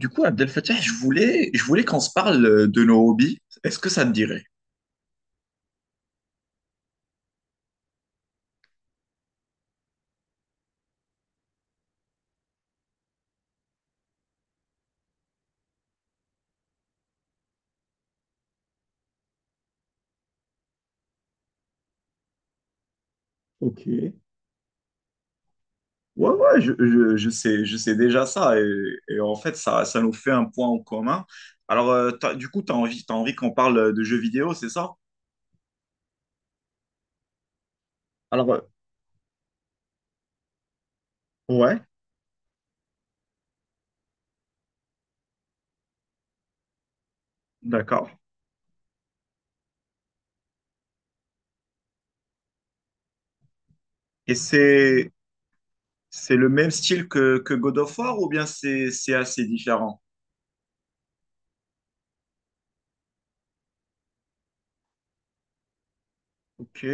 Du coup, Abdel Fattah, je voulais qu'on se parle de nos hobbies. Est-ce que ça te dirait? Ok. Ouais, ouais, je sais déjà ça. Et en fait, ça nous fait un point en commun. Alors, du coup, t'as envie qu'on parle de jeux vidéo, c'est ça? Alors, ouais. D'accord. Et c'est le même style que God of War ou bien c'est assez différent? Ok.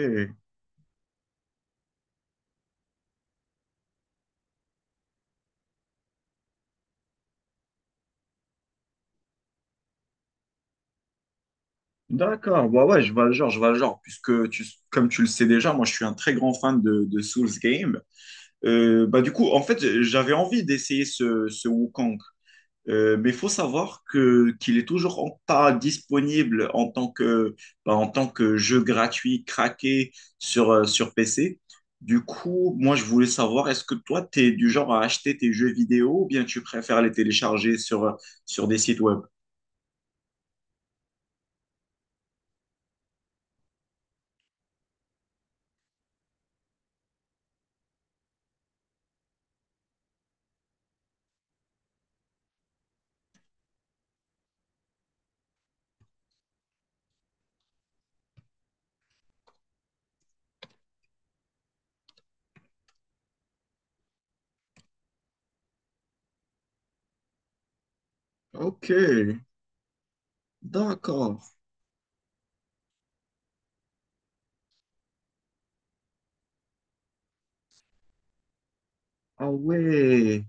D'accord, ouais, ouais, je vois le genre, je vois le genre, puisque comme tu le sais déjà, moi je suis un très grand fan de Souls Game. Bah du coup, en fait, j'avais envie d'essayer ce Wukong. Mais il faut savoir que qu'il est toujours pas disponible en tant que, bah, en tant que jeu gratuit craqué sur, sur PC. Du coup, moi, je voulais savoir, est-ce que toi, tu es du genre à acheter tes jeux vidéo ou bien tu préfères les télécharger sur, sur des sites web? Ok, d'accord. Ah ouais.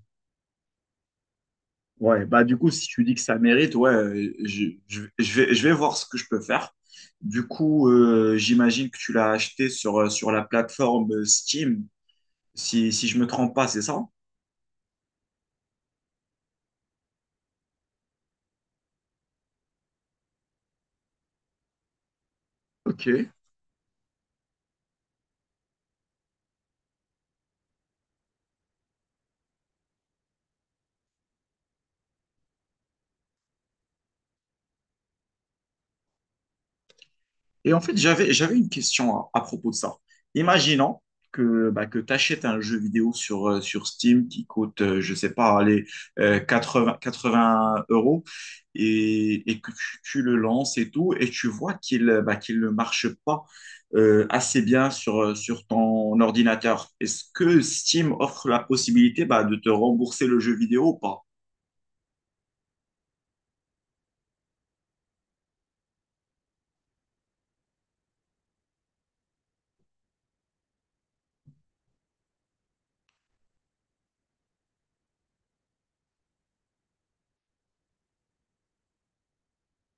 Ouais, bah du coup, si tu dis que ça mérite, ouais, je vais voir ce que je peux faire. Du coup, j'imagine que tu l'as acheté sur, sur la plateforme Steam, si, si je me trompe pas, c'est ça? Ok. Et en fait, j'avais une question à propos de ça. Imaginons que, bah, que tu achètes un jeu vidéo sur, sur Steam qui coûte, je sais pas, allez, 80 € et que tu le lances et tout, et tu vois qu'il bah, qu'il ne marche pas assez bien sur, sur ton ordinateur. Est-ce que Steam offre la possibilité bah, de te rembourser le jeu vidéo ou pas?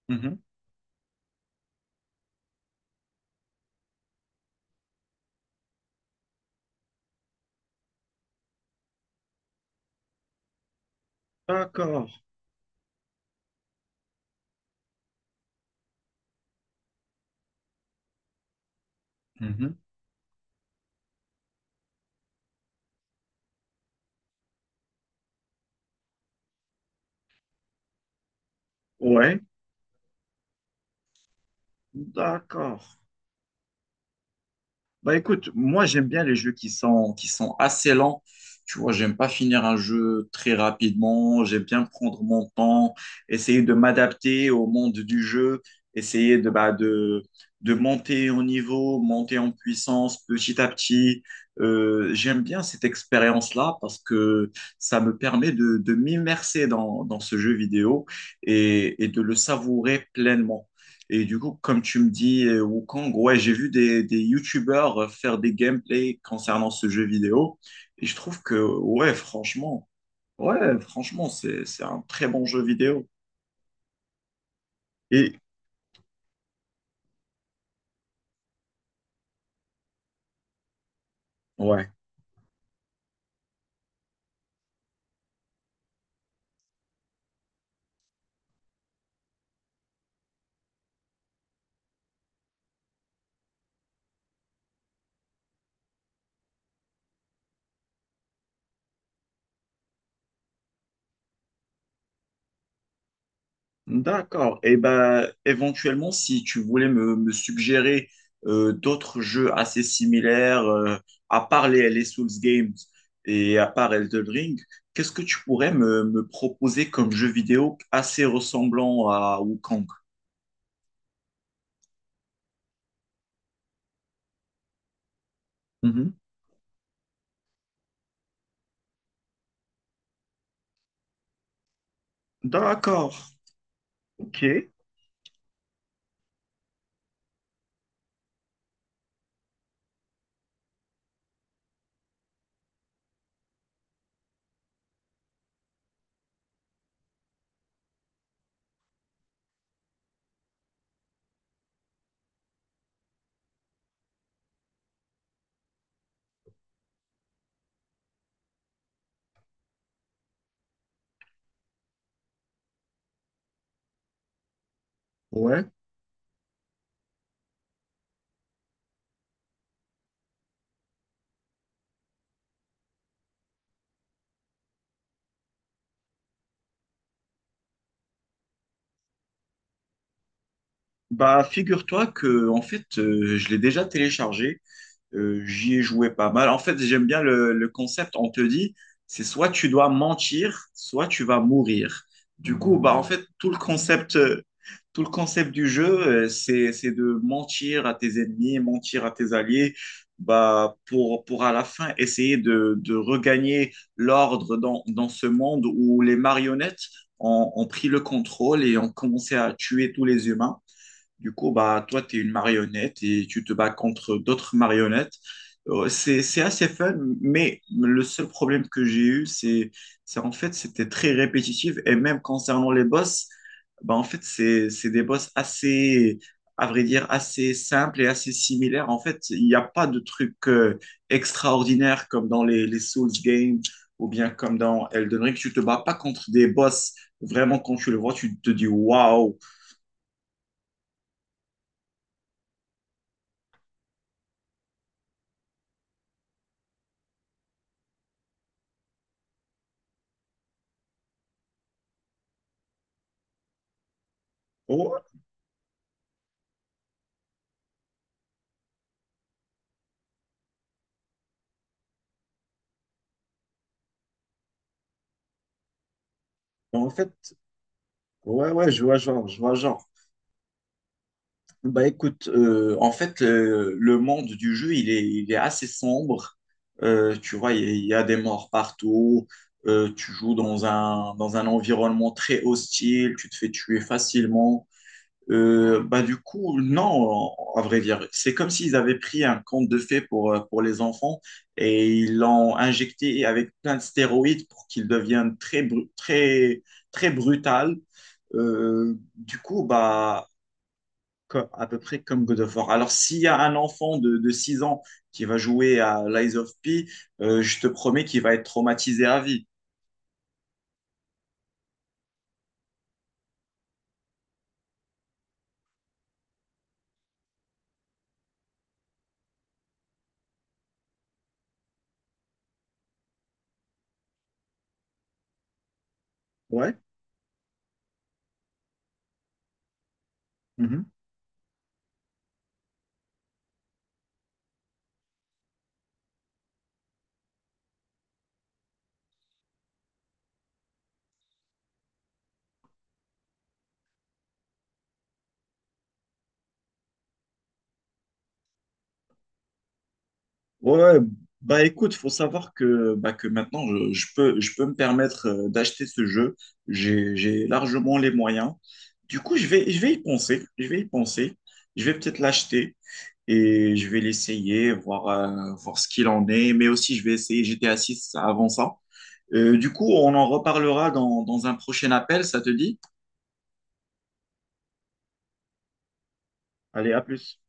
Mhm. D'accord. Mhm. Ouais, d'accord. Bah écoute, moi j'aime bien les jeux qui sont assez lents. Tu vois, j'aime pas finir un jeu très rapidement. J'aime bien prendre mon temps, essayer de m'adapter au monde du jeu, essayer de monter en niveau, monter en puissance petit à petit. J'aime bien cette expérience-là parce que ça me permet de m'immerser dans ce jeu vidéo et de le savourer pleinement. Et du coup, comme tu me dis Wukong, ouais, j'ai vu des YouTubers faire des gameplays concernant ce jeu vidéo. Et je trouve que, ouais, franchement, c'est un très bon jeu vidéo. Et, ouais, d'accord. Et ben, éventuellement, si tu voulais me suggérer d'autres jeux assez similaires, à part les Souls Games et à part Elden Ring, qu'est-ce que tu pourrais me proposer comme jeu vidéo assez ressemblant à Wukong? D'accord, ok. Ouais. Bah, figure-toi que, en fait, je l'ai déjà téléchargé. J'y ai joué pas mal. En fait, j'aime bien le concept. On te dit, c'est soit tu dois mentir, soit tu vas mourir. Du coup, bah, en fait, tout le concept du jeu, c'est de mentir à tes ennemis, mentir à tes alliés, bah, pour à la fin essayer de regagner l'ordre dans ce monde où les marionnettes ont pris le contrôle et ont commencé à tuer tous les humains. Du coup, bah, toi, tu es une marionnette et tu te bats contre d'autres marionnettes. C'est assez fun, mais le seul problème que j'ai eu, c'est en fait, c'était très répétitif. Et même concernant les boss, bah, en fait, c'est des boss assez, à vrai dire, assez simples et assez similaires. En fait, il n'y a pas de trucs extraordinaires comme dans les Souls games ou bien comme dans Elden Ring. Tu te bats pas contre des boss. Vraiment, quand tu le vois, tu te dis waouh. Oh, en fait, ouais, ouais, je vois genre, je vois genre. Bah écoute, en fait, le monde du jeu, il est assez sombre. Tu vois, il y a des morts partout. Tu joues dans un environnement très hostile. Tu te fais tuer facilement. Bah du coup, non, à vrai dire. C'est comme s'ils avaient pris un conte de fées pour les enfants et ils l'ont injecté avec plein de stéroïdes pour qu'ils deviennent très, très, très brutal. Du coup, bah à peu près comme God of War. Alors, s'il y a un enfant de 6 ans qui va jouer à Lies of P, je te promets qu'il va être traumatisé à vie. Ouais. Mhm. Ouais, ouais. Bah écoute, faut savoir que, bah, que maintenant je peux me permettre d'acheter ce jeu. J'ai largement les moyens. Du coup, je vais y penser. Je vais y penser. Je vais peut-être l'acheter et je vais l'essayer, voir, voir ce qu'il en est, mais aussi je vais essayer GTA 6 avant ça. Du coup, on en reparlera dans un prochain appel, ça te dit? Allez, à plus.